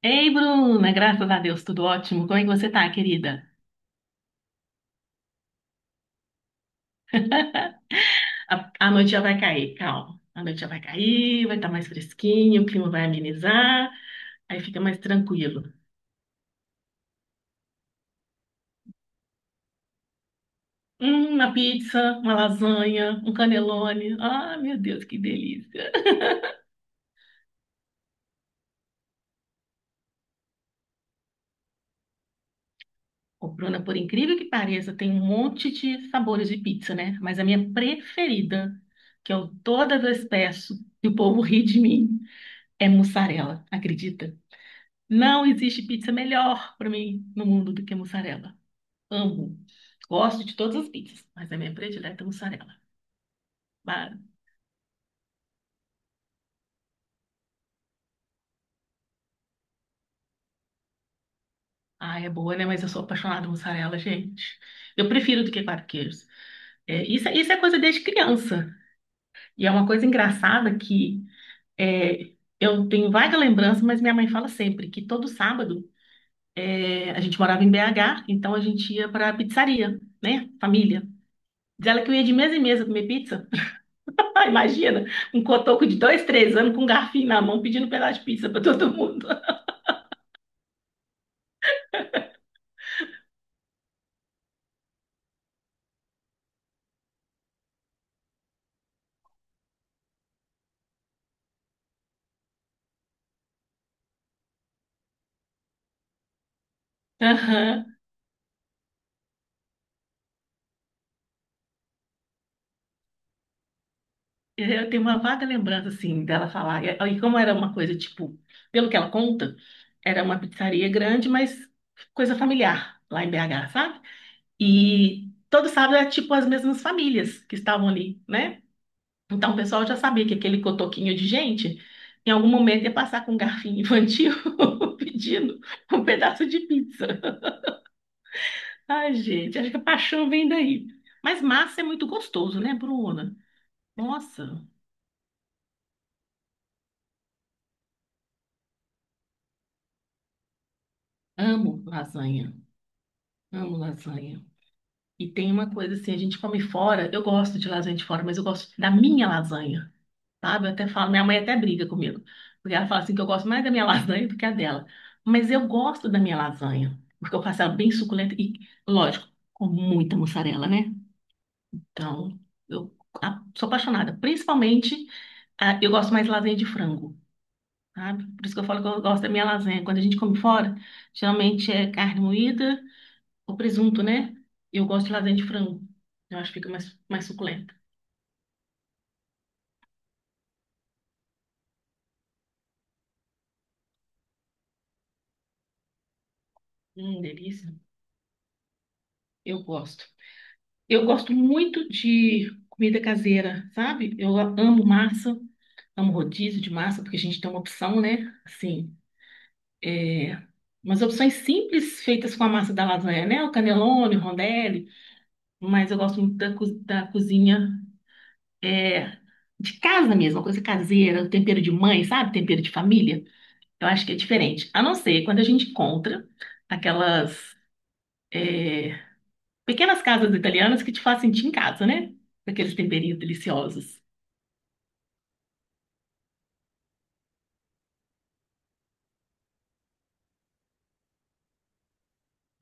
Ei, Bruna, graças a Deus, tudo ótimo. Como é que você tá, querida? A noite já vai cair, calma. A noite já vai cair, vai estar mais fresquinho, o clima vai amenizar, aí fica mais tranquilo. Uma pizza, uma lasanha, um canelone. Ah, meu Deus, que delícia. Ô, Bruna, por incrível que pareça, tem um monte de sabores de pizza, né? Mas a minha preferida, que eu toda vez peço e o povo ri de mim, é mussarela, acredita? Não existe pizza melhor para mim no mundo do que mussarela. Amo. Gosto de todas as pizzas, mas a minha predileta é mussarela. Ba- Ah, é boa, né? Mas eu sou apaixonada por mussarela, gente. Eu prefiro do que quatro queijos. É, isso, isso é coisa desde criança. E é uma coisa engraçada que é, eu tenho vaga lembrança, mas minha mãe fala sempre que todo sábado a gente morava em BH, então a gente ia para a pizzaria, né? Família. Diz ela que eu ia de mesa em mesa comer pizza. Ah, imagina, um cotoco de dois, três anos com um garfinho na mão pedindo um pedaço de pizza para todo mundo. Aham. Eu tenho uma vaga lembrança, assim, dela falar. E como era uma coisa, tipo, pelo que ela conta, era uma pizzaria grande, mas coisa familiar, lá em BH, sabe? E todo sábado era, tipo, as mesmas famílias que estavam ali, né? Então o pessoal já sabia que aquele cotoquinho de gente, em algum momento, ia passar com um garfinho infantil pedindo um pedaço de pizza. Ai, gente, acho que a paixão vem daí. Mas massa é muito gostoso, né, Bruna? Nossa, amo lasanha. Amo lasanha. E tem uma coisa assim, a gente come fora. Eu gosto de lasanha de fora, mas eu gosto da minha lasanha, sabe? Eu até falo, minha mãe até briga comigo. Porque ela fala assim que eu gosto mais da minha lasanha do que a dela. Mas eu gosto da minha lasanha. Porque eu faço ela bem suculenta e, lógico, com muita mussarela, né? Então, eu sou apaixonada. Principalmente, eu gosto mais de lasanha de frango. Sabe? Por isso que eu falo que eu gosto da minha lasanha. Quando a gente come fora, geralmente é carne moída ou presunto, né? Eu gosto de lasanha de frango. Eu acho que fica mais suculenta. Delícia. Eu gosto. Eu gosto muito de comida caseira, sabe? Eu amo massa, amo rodízio de massa, porque a gente tem uma opção, né? Assim, é... umas opções simples feitas com a massa da lasanha, né? O canelone, o rondelli. Mas eu gosto muito da cozinha. é, de casa mesmo, uma coisa caseira, o tempero de mãe, sabe? Tempero de família. Eu acho que é diferente. A não ser quando a gente encontra aquelas é, pequenas casas italianas que te fazem sentir em casa, né? Com aqueles temperinhos deliciosos.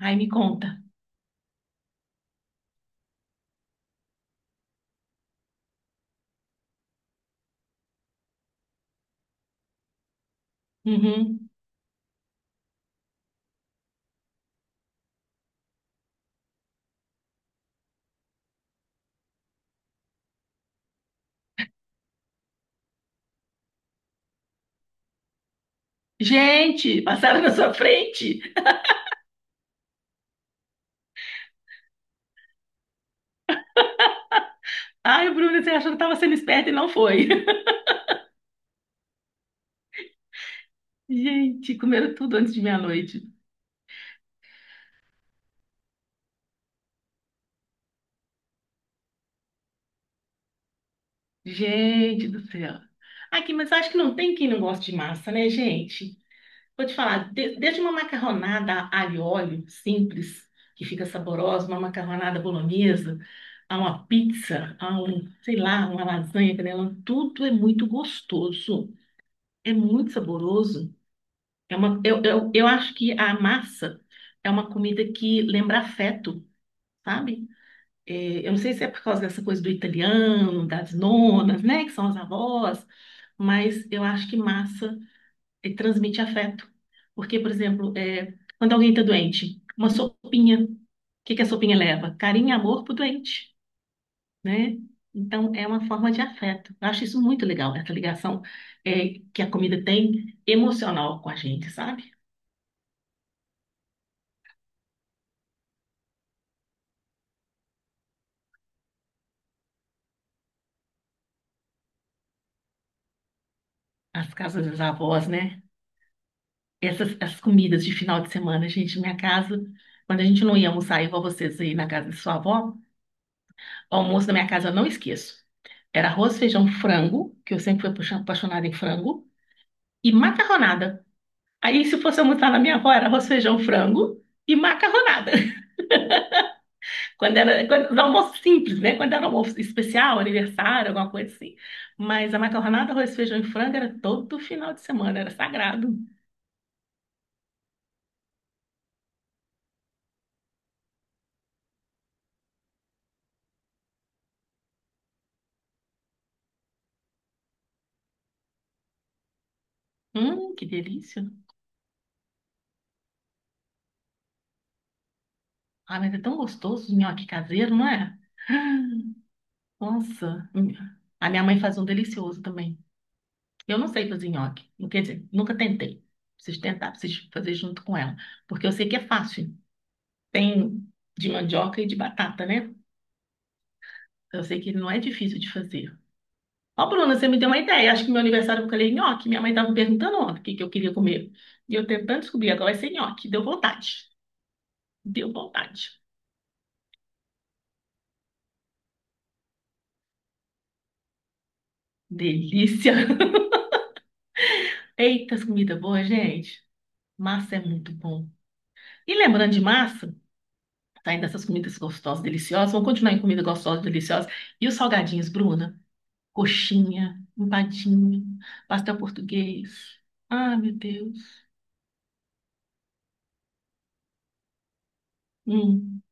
Ai, me conta. Uhum. Gente, passaram na sua frente. Ai, Bruno, você achou que estava sendo esperto e não foi. Gente, comeram tudo antes de meia-noite. Gente do céu. Aqui, mas acho que não tem quem não goste de massa, né, gente? Vou te falar, desde uma macarronada alho e óleo simples, que fica saborosa, uma macarronada bolonhesa, a uma pizza, a um, sei lá, uma lasanha, canelão, tudo é muito gostoso, é muito saboroso. Eu acho que a massa é uma comida que lembra afeto, sabe? É, eu não sei se é por causa dessa coisa do italiano, das nonas, né, que são as avós, mas eu acho que massa ele transmite afeto. Porque, por exemplo, quando alguém está doente, uma sopinha, o que que a sopinha leva? Carinho e amor pro doente, né? Então, é uma forma de afeto. Eu acho isso muito legal, essa ligação que a comida tem emocional com a gente, sabe? As casas das avós, né? Essas as comidas de final de semana, gente, minha casa, quando a gente não ia almoçar igual vocês aí na casa de sua avó, o almoço da minha casa eu não esqueço. Era arroz, feijão, frango, que eu sempre fui apaixonada em frango, e macarronada. Aí, se fosse almoçar na minha avó, era arroz, feijão, frango e macarronada. Quando, era almoço simples, né? Quando era almoço especial, aniversário, alguma coisa assim. Mas a macarronada, arroz, feijão e frango era todo final de semana, era sagrado. Que delícia. Ah, mas é tão gostoso o nhoque caseiro, não é? Nossa. Hum. A minha mãe faz um delicioso também. Eu não sei fazer nhoque. Quer dizer, nunca tentei. Preciso tentar, preciso fazer junto com ela. Porque eu sei que é fácil. Tem de mandioca e de batata, né? Eu sei que não é difícil de fazer. Ó, Bruna, você me deu uma ideia. Acho que meu aniversário eu falei nhoque. Minha mãe estava me perguntando ontem o que que eu queria comer. E eu tentando descobrir, agora vai ser nhoque. Deu vontade. Deu vontade. Delícia. Eita, as comidas boas, gente. Massa é muito bom. E lembrando de massa, saindo dessas comidas gostosas, deliciosas, vamos continuar em comida gostosa, deliciosa. E os salgadinhos, Bruna? Coxinha, empadinho, pastel português. Ah, meu Deus. Hum.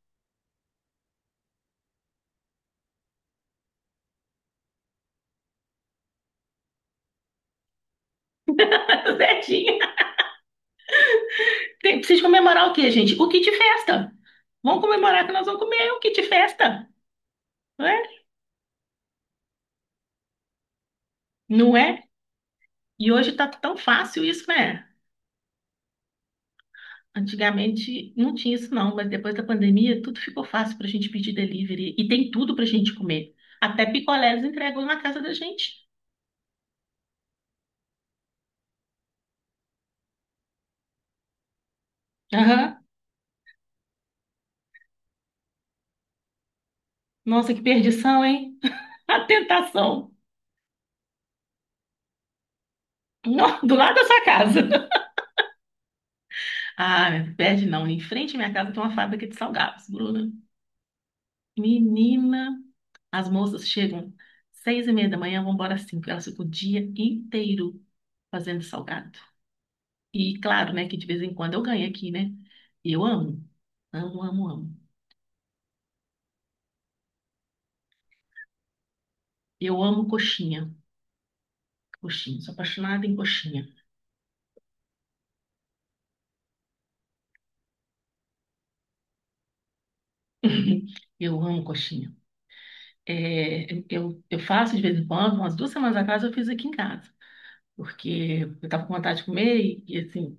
Zetinha. Tem, precisa comemorar o quê, gente? O kit festa. Vamos comemorar que nós vamos comer o kit festa, não é? Não é? E hoje tá tão fácil isso, né? Antigamente não tinha isso não, mas depois da pandemia tudo ficou fácil pra gente pedir delivery e tem tudo pra gente comer. Até picolés entregam na casa da gente. Aham. Nossa, que perdição, hein? A tentação. Nó, do lado da sua casa. Ah, perde não. Em frente à minha casa tem uma fábrica de salgados, Bruna. Menina, as moças chegam 6:30 da manhã, vão embora às 5. Elas ficam o dia inteiro fazendo salgado. E claro, né, que de vez em quando eu ganho aqui, né? E eu amo. Amo, amo, amo. Eu amo coxinha. Coxinha. Sou apaixonada em coxinha. Eu amo coxinha. É, eu faço de vez em quando, umas 2 semanas atrás eu fiz aqui em casa. Porque eu estava com vontade de comer e, assim,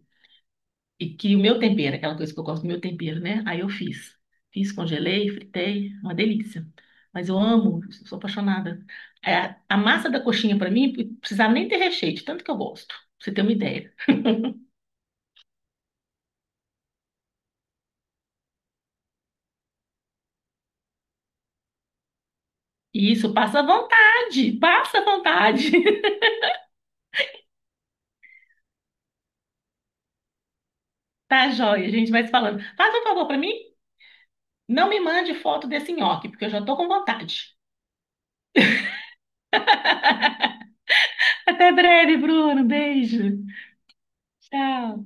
e que o meu tempero, aquela coisa que eu gosto do meu tempero, né? Aí eu fiz. Fiz, congelei, fritei, uma delícia. Mas eu amo, sou apaixonada. É, a massa da coxinha, para mim, precisava nem ter recheio, de tanto que eu gosto, pra você ter uma ideia. E isso, passa à vontade, passa à vontade. Tá joia, a gente vai se falando. Faz um favor para mim, não me mande foto desse nhoque, porque eu já tô com vontade. Até breve, Bruno. Beijo. Tchau.